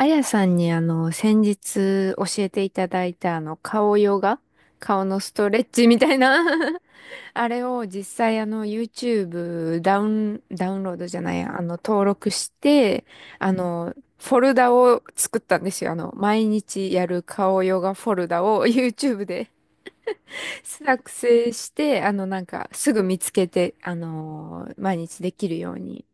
あやさんに先日教えていただいた顔ヨガ、顔のストレッチみたいな あれを実際YouTube ダウンロードじゃないや、登録して、あの、フォルダを作ったんですよ。あの、毎日やる顔ヨガフォルダを YouTube で 作成して、あの、すぐ見つけて、毎日できるように。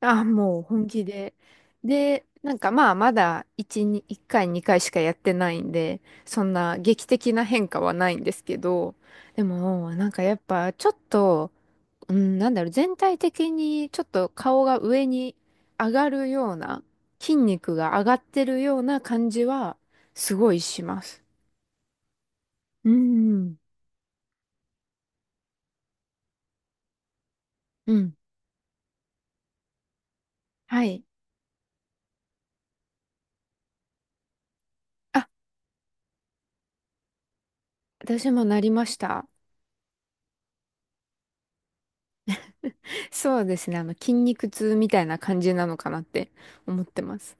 あ、もう本気で。で、なんかまあまだ1、に1回2回しかやってないんで、そんな劇的な変化はないんですけど、でもなんかやっぱちょっと、全体的にちょっと顔が上に上がるような、筋肉が上がってるような感じはすごいします。うん、うん、はい。あ、私もなりました。そうですね、あの筋肉痛みたいな感じなのかなって思ってます。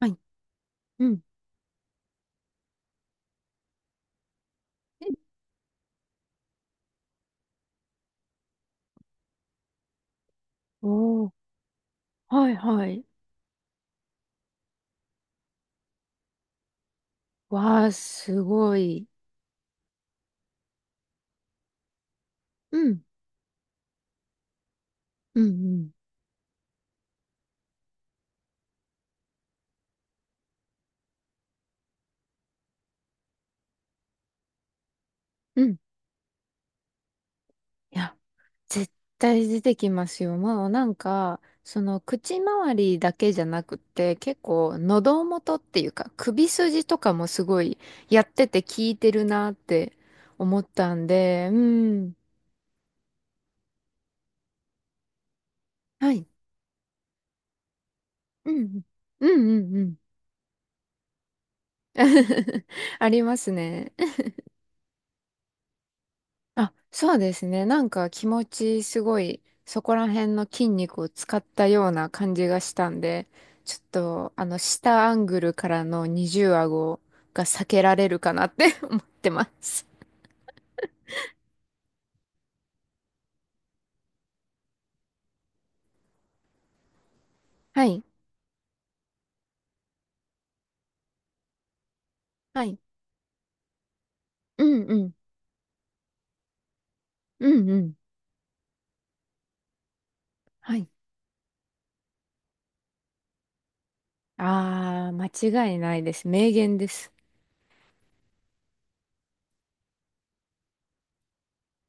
はい。うん。おお、はいはい。わあ、すごい。うん、うん、うん、うん。いや、絶対出てきますよ。もうなんか、その、口周りだけじゃなくて、結構、喉元っていうか、首筋とかもすごい、やってて効いてるなって思ったんで、うん。はい。うん、うん、うん、うん。うん ありますね。あ、そうですね。なんか気持ちすごい、そこら辺の筋肉を使ったような感じがしたんで、ちょっと、あの、下アングルからの二重顎が避けられるかなって 思ってます。はい。はい。うんうん。うんうん。はい。あー、間違いないです。名言です。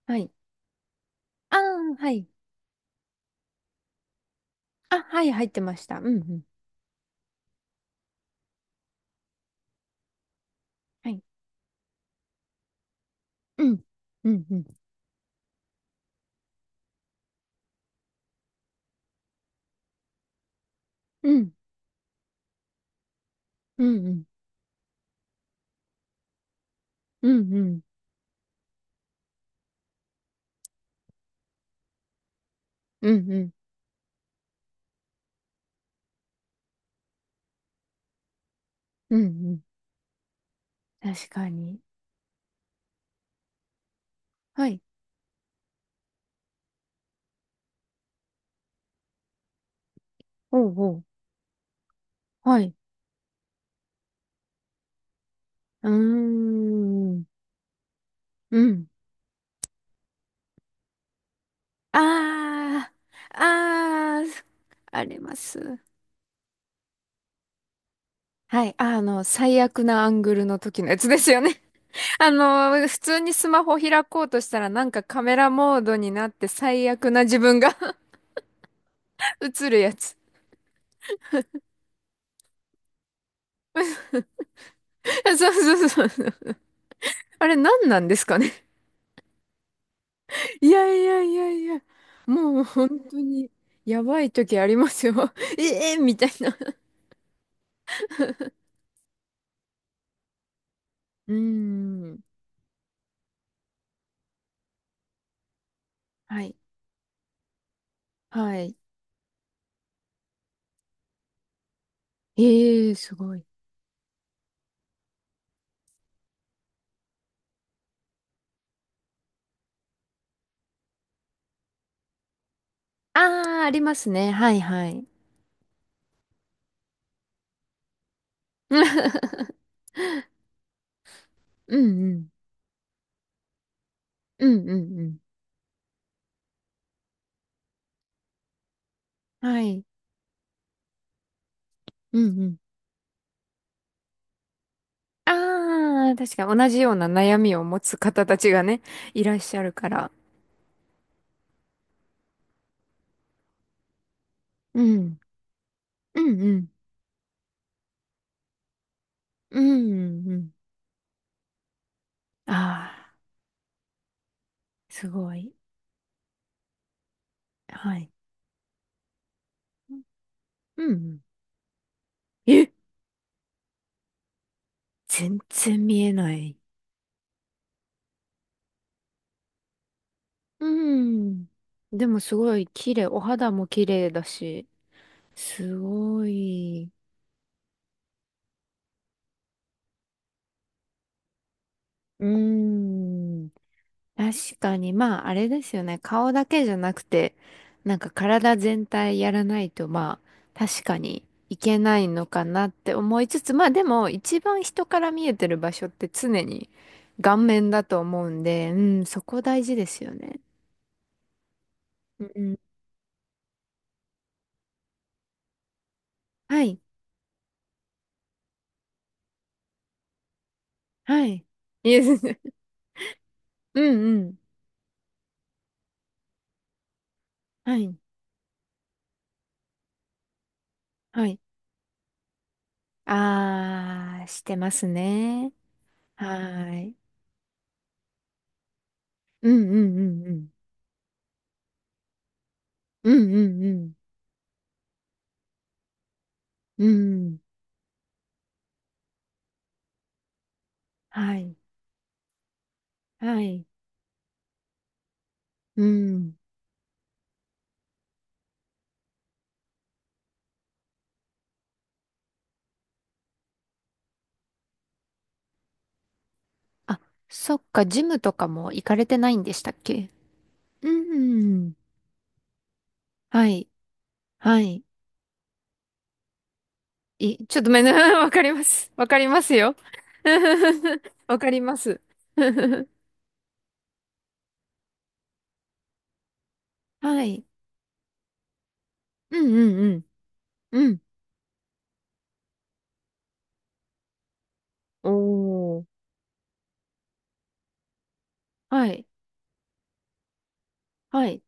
はい。あー、はい。あ、はい、入ってました。うんうん。はい。うん。うんうん。うん。うんうん。うんうん。うんうん。うんうん。確かに。はい、おうおう。はい。うーん。うん。ああ、ああ、あります。はい。あの、最悪なアングルの時のやつですよね。あの、普通にスマホ開こうとしたらなんかカメラモードになって最悪な自分が 映るやつ。そうそうそうそう。あれ何なんですかね。いやいやいやいや。もう本当にやばい時ありますよ。ええみたいな。うーん。はい。はい。ええすごい。ああ、ありますね。はいはい。うんうん。うんうんうん。はい。うんうん。ああ、確か同じような悩みを持つ方たちがね、いらっしゃるから。うん。うんうん。うんうんうん。ああ、すごい。はい。うんうん。え、全然見えない。うん。でもすごい綺麗。お肌も綺麗だし。すごい。うん。確かに、まあ、あれですよね。顔だけじゃなくて、なんか体全体やらないと、まあ、確かにいけないのかなって思いつつ、まあでも、一番人から見えてる場所って常に顔面だと思うんで、うん、そこ大事ですよね。うんうん。はい、はい。いえ うんうん。はい、はい。あー、してますね。はーい。うんうんうんうん。うんうんうん。うん。はい。はい。うん。あ、そっか、ジムとかも行かれてないんでしたっけ？うん。はい。はい。い、ちょっとめんな、わかります。わかりますよ。わかります。はい。うんうんうん。うん。おー。はい。はい。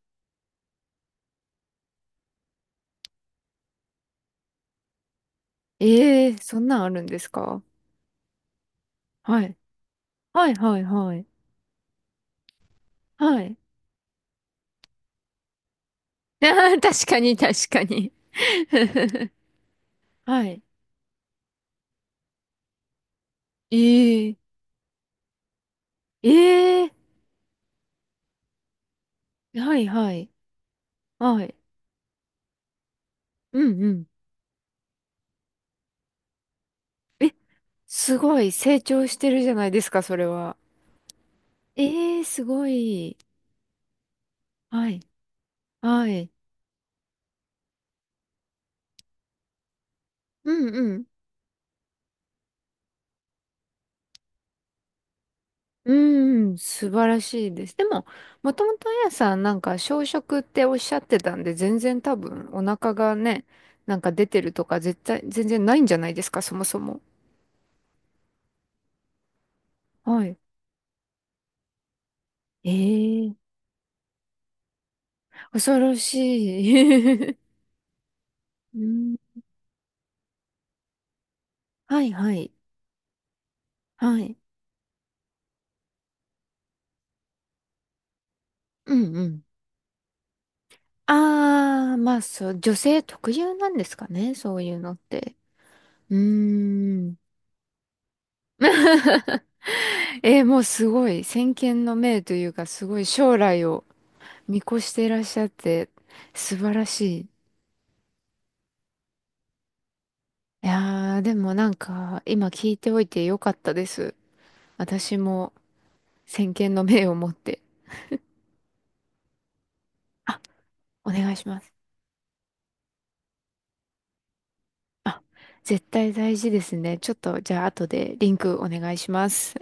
ええー、そんなんあるんですか？はい。はいはいはい。はい。あー、確かに確かに。はい。ええー。ええー。はいはい。はい。うんうん、すごい成長してるじゃないですか、それは。ええー、すごい。はい。はい。うんうん。うんうん、素晴らしいです。でも、もともとあやさんなんか小食っておっしゃってたんで、全然多分お腹がね、なんか出てるとか絶対、全然ないんじゃないですか、そもそも。はい。ええー、恐ろしい。うん、はいはい。はい。うんうん。ああ、まあそう、女性特有なんですかね、そういうのって。うーん。えー、もうすごい、先見の明というか、すごい将来を見越していらっしゃって、素晴らしい。いやー、でもなんか、今聞いておいてよかったです。私も先見の明を持って。あ、お願いします。あ、絶対大事ですね。ちょっと、じゃあ後でリンクお願いします。